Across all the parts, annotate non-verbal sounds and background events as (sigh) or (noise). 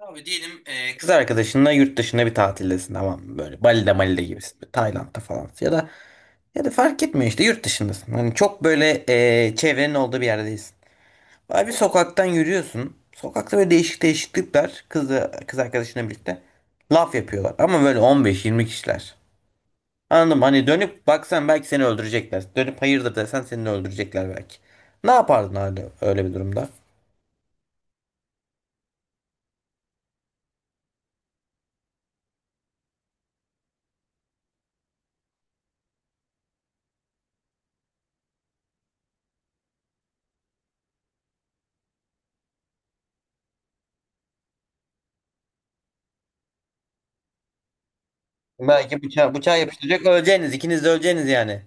Abi diyelim kız arkadaşınla yurt dışında bir tatildesin, tamam mı? Böyle Bali'de Mali'de gibisin. Tayland'da falan. Ya da fark etmiyor işte, yurt dışındasın. Hani çok böyle çevrenin olduğu bir yerdeyiz. Abi bir sokaktan yürüyorsun. Sokakta böyle değişik değişiklikler kız arkadaşınla birlikte laf yapıyorlar. Ama böyle 15-20 kişiler. Anladım, hani dönüp baksan belki seni öldürecekler. Dönüp hayırdır desen seni de öldürecekler belki. Ne yapardın öyle, öyle bir durumda? Belki bıçağı yapıştıracak, öleceğiniz. İkiniz de öleceğiniz yani.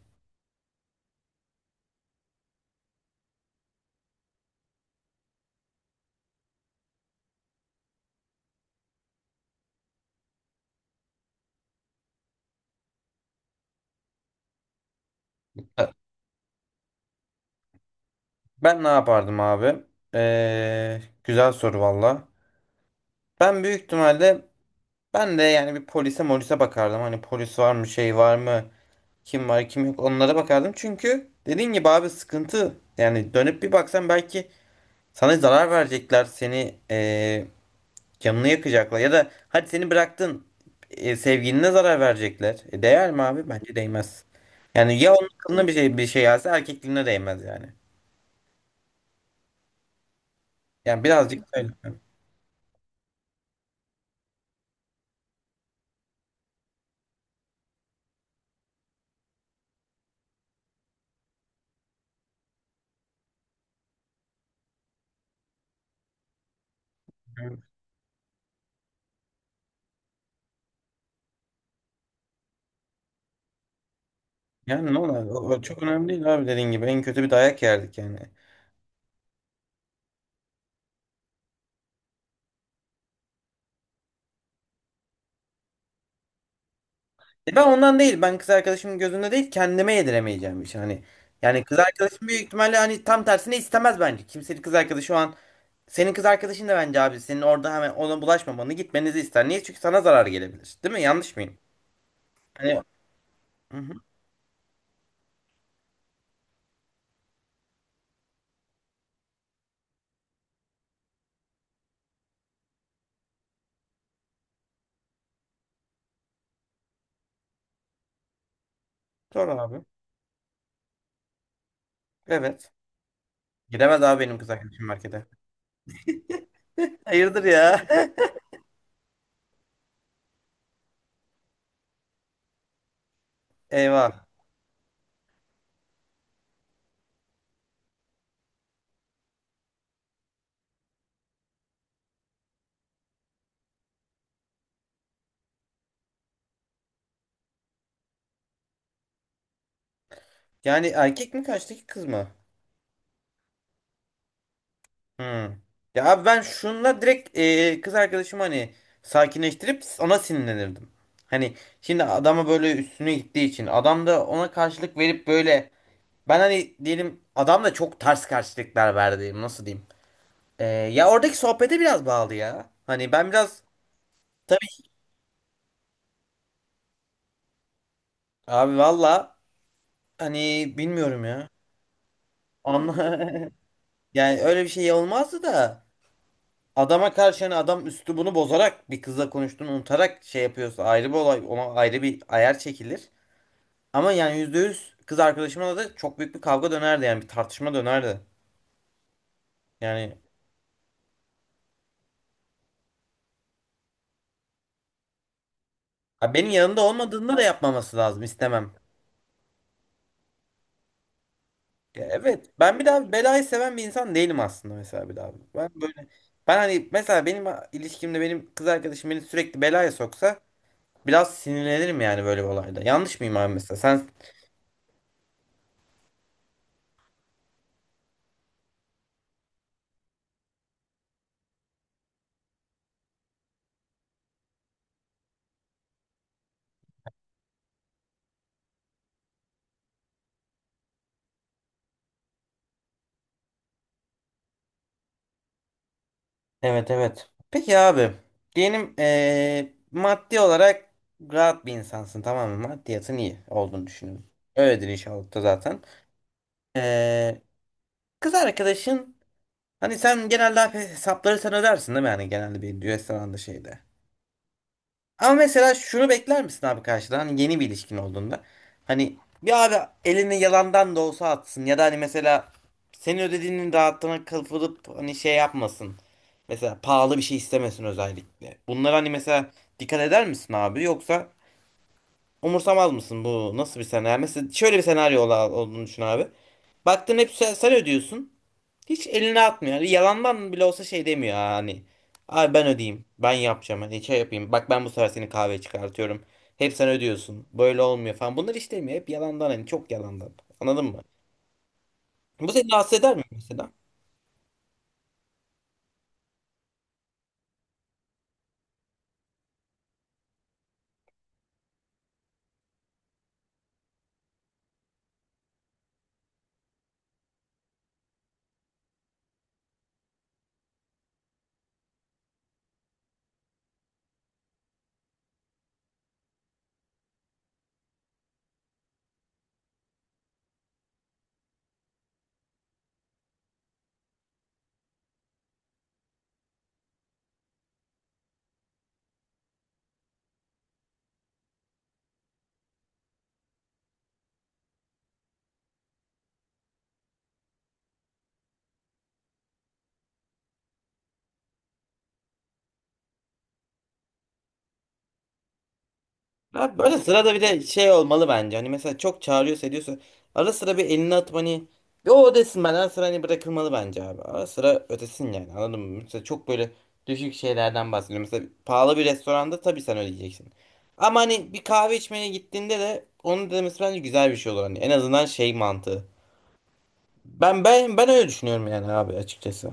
Ben ne yapardım abi? Güzel soru valla. Ben büyük ihtimalle ben de yani bir polise molise bakardım. Hani polis var mı, şey var mı, kim var kim yok, onlara bakardım. Çünkü dediğin gibi abi, sıkıntı yani, dönüp bir baksan belki sana zarar verecekler, seni canını yakacaklar. Ya da hadi seni bıraktın, sevgiline zarar verecekler. E, değer mi abi? Bence değmez. Yani ya onun kılına bir şey gelse, erkekliğine değmez yani. Yani birazcık öyle. Yani ne olur O, o çok önemli değil abi, dediğin gibi. En kötü bir dayak yerdik yani. E ben ondan değil. Ben kız arkadaşımın gözünde değil, kendime yediremeyeceğim bir şey. Hani yani kız arkadaşım büyük ihtimalle hani tam tersine istemez bence. Kimsenin kız arkadaşı şu an, senin kız arkadaşın da bence abi senin orada hemen ona bulaşmamanı, gitmenizi ister. Niye? Çünkü sana zarar gelebilir. Değil mi? Yanlış mıyım? Hani. Hı hı. Doğru abi. Evet. Giremez abi benim kız arkadaşım markete. (laughs) Hayırdır ya? (laughs) Eyvah. Yani erkek mi karşıdaki, kız mı? Hmm. Ya abi ben şunla direkt kız arkadaşımı hani sakinleştirip ona sinirlenirdim. Hani şimdi adama böyle üstüne gittiği için adam da ona karşılık verip böyle, ben hani diyelim adam da çok ters karşılıklar verdi, nasıl diyeyim. E, ya oradaki sohbete biraz bağlı ya. Hani ben biraz, tabii abi valla, hani bilmiyorum ya. Anla, (laughs) yani öyle bir şey olmazdı da. Adama karşı hani, adam üslubunu bozarak bir kızla konuştuğunu unutarak şey yapıyorsa ayrı bir olay, ona ayrı bir ayar çekilir. Ama yani %100 kız arkadaşımla da çok büyük bir kavga dönerdi yani, bir tartışma dönerdi. Yani ha, benim yanında olmadığında da yapmaması lazım, istemem. Ya evet, ben bir daha belayı seven bir insan değilim aslında mesela, bir daha. Ben böyle, ben hani mesela benim ilişkimde benim kız arkadaşım beni sürekli belaya soksa biraz sinirlenirim yani böyle bir olayda. Yanlış mıyım abi mesela? Sen. Evet evet. Peki abi, diyelim maddi olarak rahat bir insansın, tamam mı? Maddiyatın iyi olduğunu düşünüyorum. Öyledir inşallah da zaten. Eee, kız arkadaşın, hani sen genelde hep hesapları sen ödersin değil mi? Yani genelde bir restoranda, şeyde. Ama mesela şunu bekler misin abi karşıdan? Hani yeni bir ilişkin olduğunda. Hani bir abi, elini yalandan da olsa atsın. Ya da hani mesela senin ödediğinin rahatlığına kapılıp hani şey yapmasın. Mesela pahalı bir şey istemesin özellikle. Bunlara hani mesela dikkat eder misin abi? Yoksa umursamaz mısın, bu nasıl bir senaryo? Yani mesela şöyle bir senaryo olduğunu düşün abi. Baktın hep sen ödüyorsun. Hiç eline atmıyor. Yani yalandan bile olsa şey demiyor ha, hani. Abi ben ödeyeyim. Ben yapacağım. Hani şey yapayım. Bak ben bu sefer seni kahveye çıkartıyorum. Hep sen ödüyorsun. Böyle olmuyor falan. Bunlar hiç demiyor. Hep yalandan, hani çok yalandan. Anladın mı? Bu seni rahatsız eder mi mesela? Abi böyle sırada bir de şey olmalı bence. Hani mesela çok çağırıyorsa, ediyorsa, ara sıra bir elini atıp hani bir o desin, ben ara sıra hani bırakılmalı bence abi. Ara sıra ötesin yani, anladın mı? Mesela çok böyle düşük şeylerden bahsediyorum. Mesela pahalı bir restoranda tabii sen ödeyeceksin. Ama hani bir kahve içmeye gittiğinde de onun demesi bence güzel bir şey olur. Hani en azından şey mantığı. Ben öyle düşünüyorum yani abi, açıkçası.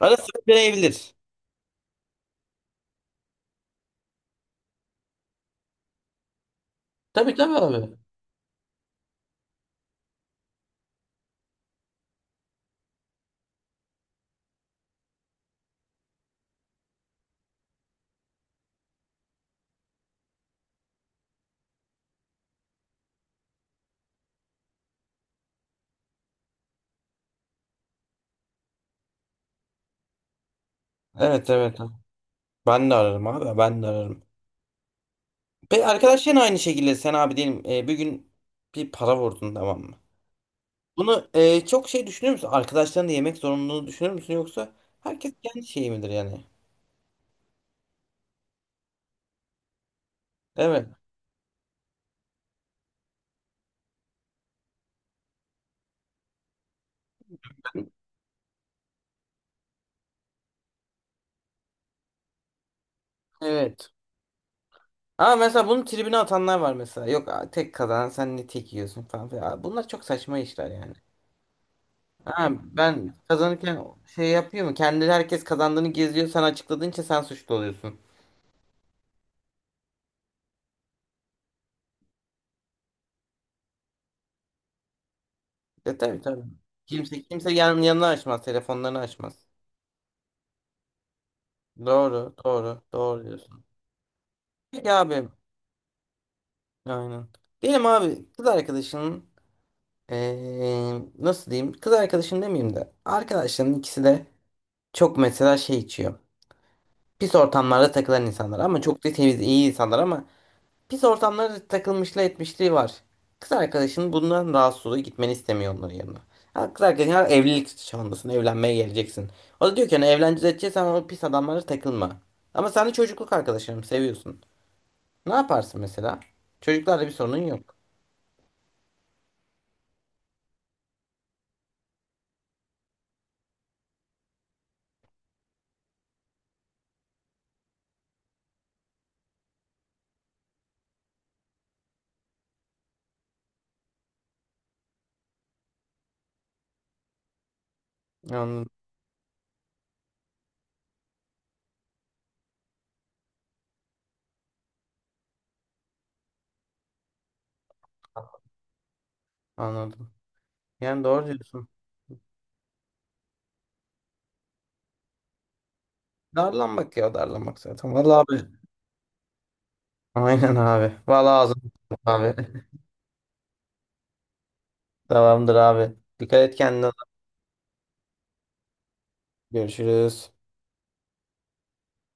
Ara sıra deneyebilir. Tabii tabii abi. Evet evet. Ben de ararım abi. Ben de ararım. Ve arkadaşların aynı şekilde, sen abi diyelim bir gün bir para vurdun, tamam mı? Bunu çok şey düşünür müsün? Arkadaşlarınla yemek zorunluluğunu düşünür müsün, yoksa herkes kendi şeyi midir yani? Evet. Evet. Ama mesela bunun tribine atanlar var mesela. Yok tek kazanan sen, ne tek yiyorsun falan filan. Abi bunlar çok saçma işler yani. Ha, ben kazanırken şey yapıyor mu? Kendi, herkes kazandığını geziyor. Sen açıkladığın için sen suçlu oluyorsun. E tabii tabii. Kimse yanına açmaz. Telefonlarını açmaz. Doğru doğru doğru diyorsun. Peki abi. Aynen. Diyelim abi kız arkadaşının, nasıl diyeyim? Kız arkadaşın demeyeyim de, arkadaşların ikisi de çok mesela şey içiyor. Pis ortamlarda takılan insanlar ama çok da temiz iyi insanlar, ama pis ortamlarda takılmışlığı, etmişliği var. Kız arkadaşın bundan rahatsız oluyor, gitmeni istemiyor onların yanına. Ha, kız arkadaşın ha, evlilik çağındasın, evlenmeye geleceksin. O da diyor ki hani evleneceğiz edeceksen, o pis adamlara takılma. Ama sen de çocukluk arkadaşlarım seviyorsun. Ne yaparsın mesela? Çocuklarla bir sorunun yok. Anladım. Anladım. Yani doğru diyorsun. Darlanmak ya, darlanmak zaten. Vallahi abi. Aynen abi. Vallahi ağzım abi. (laughs) Tamamdır abi. Dikkat et kendine. Görüşürüz.